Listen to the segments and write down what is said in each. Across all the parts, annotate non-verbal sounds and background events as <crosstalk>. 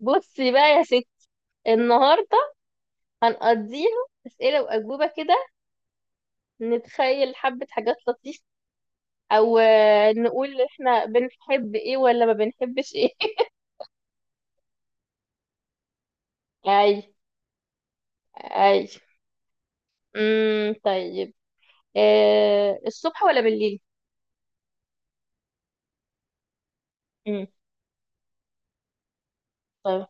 بصي بقى يا ستي، النهارده هنقضيها اسئله واجوبه كده. نتخيل حبه حاجات لطيفه، او نقول احنا بنحب ايه ولا ما بنحبش ايه. <laughs> اي. اي. طيب. الصبح ولا بالليل؟ امم طيب.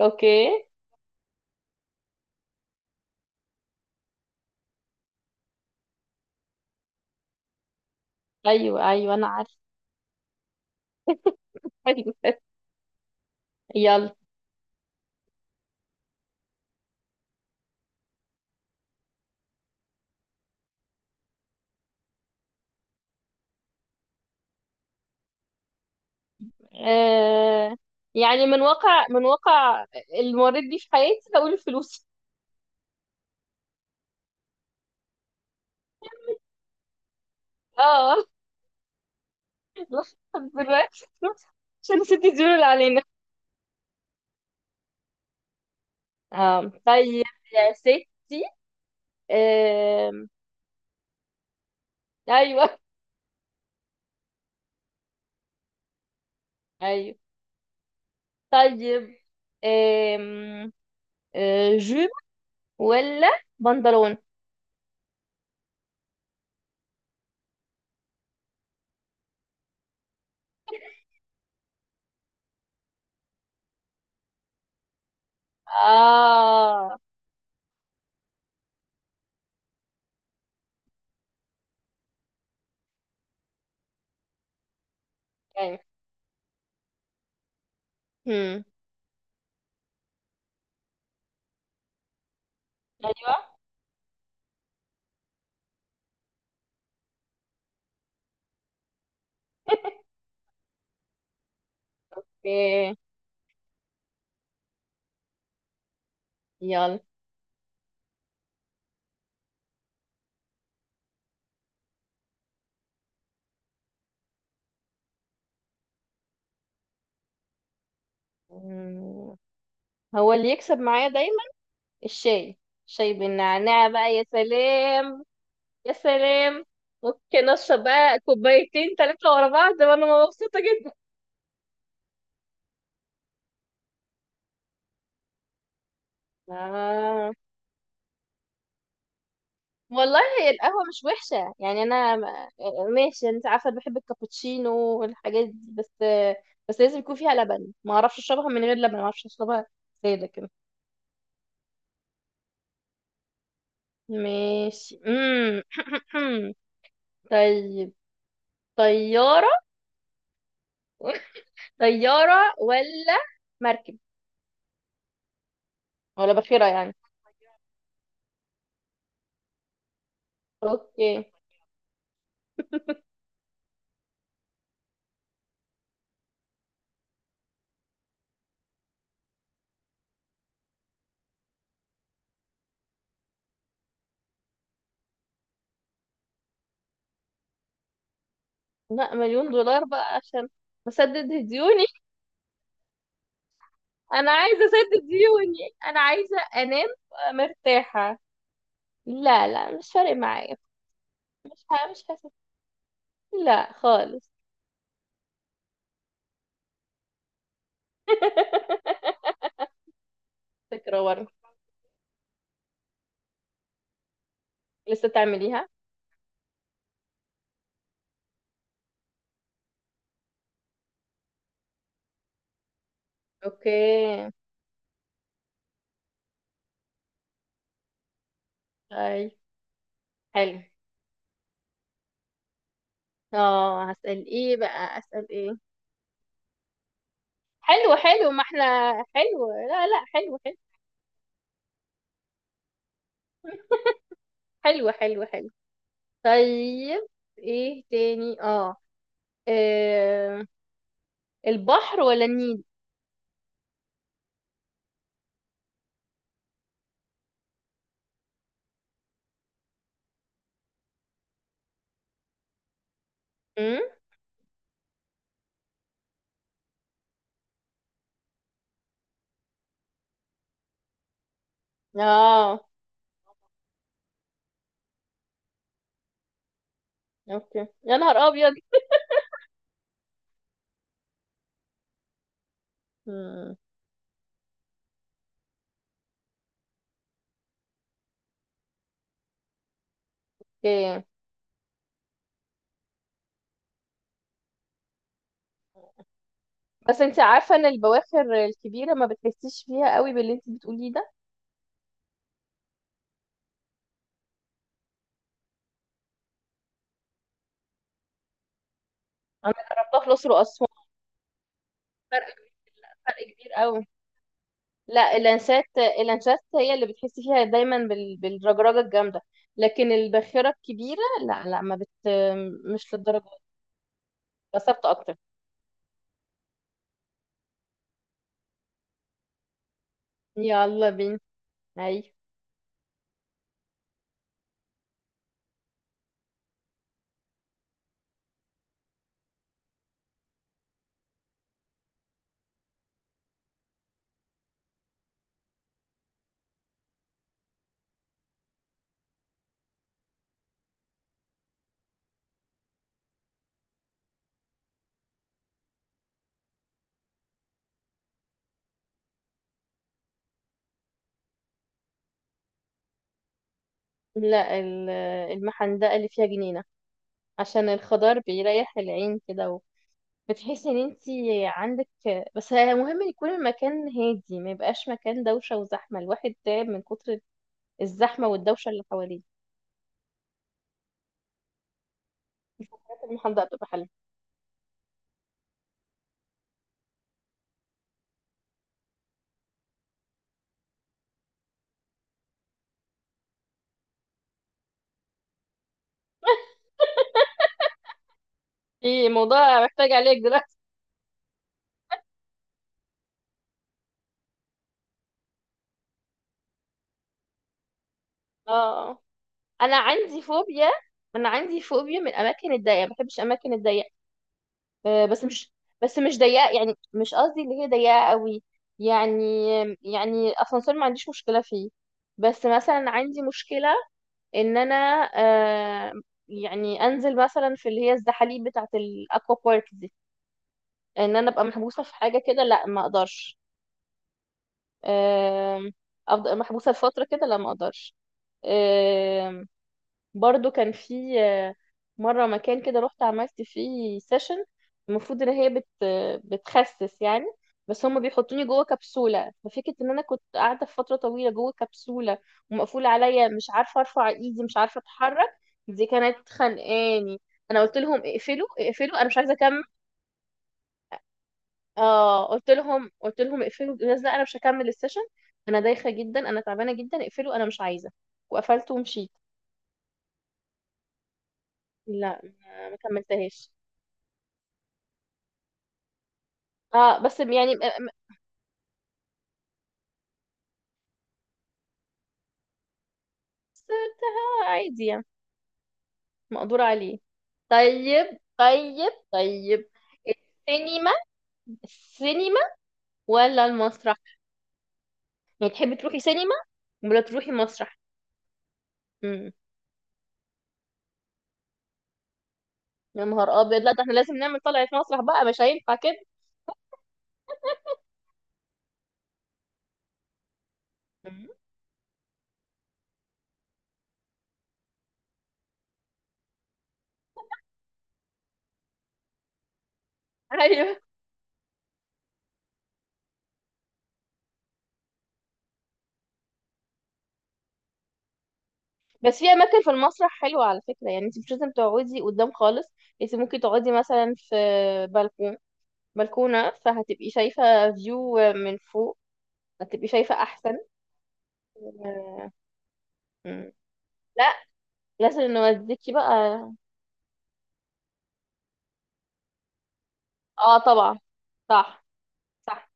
اوكي. ايوه، ايوه، انا عارفه. <laughs> أيوة. يلا. آه، يعني من واقع المريض بيه في حياتي، بقول الفلوس. اه. خلاص دلوقتي عشان نسيتي الديون اللي علينا. آه. طيب. يا ستي. آم. ايوه، ايوه. طيب. آم. جيب ولا بنطلون؟ اه. ايوه. هم. ايوه. اوكي. يلا. مم. هو اللي يكسب معايا دايما، الشاي. شاي بالنعناع بقى، يا سلام. يا سلام. ممكن اشرب بقى كوبايتين ثلاثة ورا بعض وانا مبسوطة جدا. آه. والله هي القهوة مش وحشة يعني، أنا ماشي، أنت عارفة أنا بحب الكابتشينو والحاجات دي بس. بس لازم يكون فيها لبن، ما أعرفش أشربها من غير لبن، ما أعرفش أشربها سادة كده. ماشي. مم. <laughs> طيب. طيارة. <laughs> طيارة ولا مركب ولا باخرة يعني؟ أوكي. <laughs> لا، مليون دولار بقى عشان أسدد ديوني. أنا عايزة أسدد ديوني. أنا عايزة أنام مرتاحة. لا، لا، مش فارق معايا. مش حاسس، لا خالص. <laughs> فكرة ورا؟ لسه تعمليها؟ اوكي. طيب. حلو. اه، هسأل ايه بقى، اسأل ايه؟ حلو، حلو، ما احنا. حلو، لا، لا، حلو، حلو. <laughs> حلو، حلو، حلو. طيب، ايه تاني؟ اه آه، البحر ولا النيل؟ امم اه. اوكي. يا نهار ابيض. مم. اوكي. بس انت عارفه ان البواخر الكبيره ما بتحسيش فيها قوي باللي انت بتقوليه ده. انا جربتها في الاقصر واسوان. فرق فرق كبير قوي. لا، اللانشات، اللانشات هي اللي بتحسي فيها دايما بالرجرجه الجامده. لكن الباخره الكبيره، لا، لا، ما بت مش للدرجه دي. بس ثابته اكتر. يلا بينا. اي. لا، المحندقه اللي فيها جنينه، عشان الخضار بيريح العين كده. بتحسي ان انت عندك. بس مهم يكون المكان هادي، ما يبقاش مكان دوشه وزحمه، الواحد تعب من كتر الزحمه والدوشه اللي حواليه. الحاجات المحدقه بتبقى حلوه. في موضوع محتاج عليك دلوقتي. اه. انا عندي فوبيا انا عندي فوبيا من الاماكن الضيقه، ما بحبش الاماكن الضيقه. آه، بس مش بس مش ضيقه يعني، مش قصدي اللي هي ضيقه قوي. يعني الاسانسير ما عنديش مشكله فيه. بس مثلا عندي مشكله ان انا آه يعني انزل مثلا في اللي هي الزحاليق بتاعه الاكوا بارك دي، ان انا ابقى محبوسه في حاجه كده، لا ما اقدرش. آه. افضل محبوسه لفتره كده، لا ما اقدرش. برضو كان في مرة مكان كده رحت عملت فيه سيشن. المفروض ان هي بتخسس يعني، بس هم بيحطوني جوه كبسولة. ففكرة ان انا كنت قاعدة في فترة طويلة جوه كبسولة ومقفولة عليا، مش عارفة ارفع ايدي، مش عارفة اتحرك. دي كانت خانقاني. انا قلت لهم اقفلوا، اقفلوا، انا مش عايزة اكمل. اه، قلت لهم اقفلوا الجهاز ده، انا مش هكمل السيشن. انا دايخة جدا، انا تعبانة جدا، اقفلوا، انا مش عايزة. وقفلت ومشيت. لا، ما كملتهاش. اه، بس يعني بس عادي يعني، مقدور عليه. طيب، طيب، طيب. السينما. السينما ولا المسرح؟ يعني تحبي تروحي سينما ولا تروحي مسرح؟ امم يا نهار ابيض، لا ده احنا لازم نعمل طلعة مسرح بقى، مش هينفع كده. مم. <laughs> ايوه. بس في اماكن في المسرح حلوة على فكرة، يعني انت مش لازم تقعدي قدام خالص. انت ممكن تقعدي مثلا في بلكون، بلكونة، فهتبقي شايفة فيو من فوق، هتبقي شايفة احسن. مم. لا، لازم نوديكي بقى. اه طبعا. صح. صح.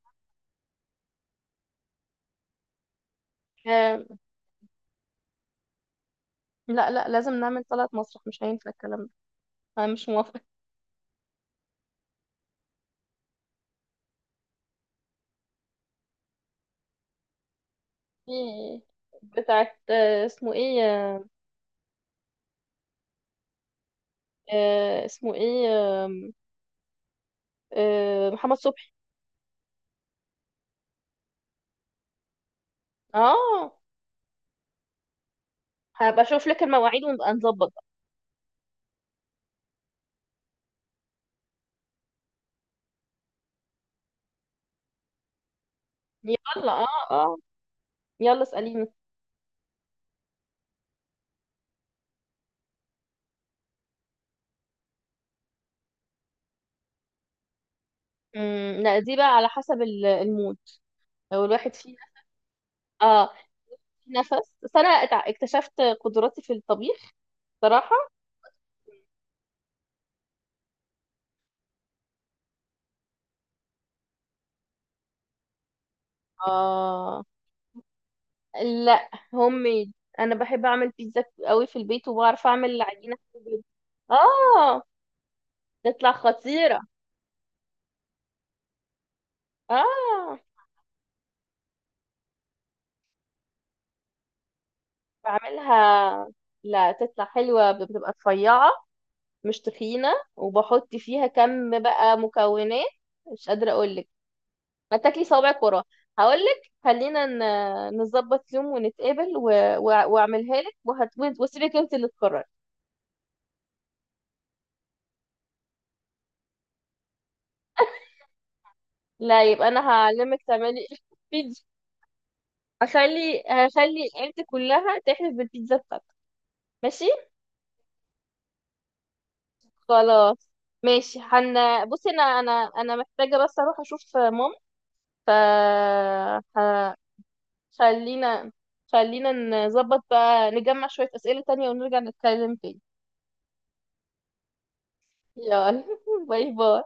آه لا، لا، لازم نعمل طلعة مسرح، مش هينفع الكلام ده. انا مش موافقة. في بتاعت اسمه ايه، اسمه ايه، آم، محمد صبحي. اه، هبقى اشوف لك المواعيد ونبقى نظبط بقى. يلا، اه، اه، يلا اسأليني. لا، دي بقى على حسب المود. لو الواحد فيه. اه. في نفس، بس انا اكتشفت قدراتي في الطبيخ صراحة. اه. لا، هوم ميد. انا بحب اعمل بيتزا قوي في البيت، وبعرف اعمل العجينه في البيت. اه، تطلع خطيره. اه، بعملها. لا، تطلع حلوه، بتبقى رفيعه، مش تخينه، وبحط فيها كم بقى مكونات، مش قادره اقول لك. ما تاكلي صوابعك وراها. هقول لك خلينا نظبط يوم ونتقابل و... واعملك وسيبك انت اللي تقرري. لا، يبقى انا هعلمك تعملي <laughs> بيتزا. هخلي العيلة كلها تحلف بالبيتزا بتاعتك. ماشي. خلاص. ماشي. بصي، انا محتاجة بس اروح اشوف ماما، ف ه- خلينا خلينا نظبط بقى، نجمع شوية أسئلة تانية ونرجع نتكلم تاني. يلا <laughs> باي باي.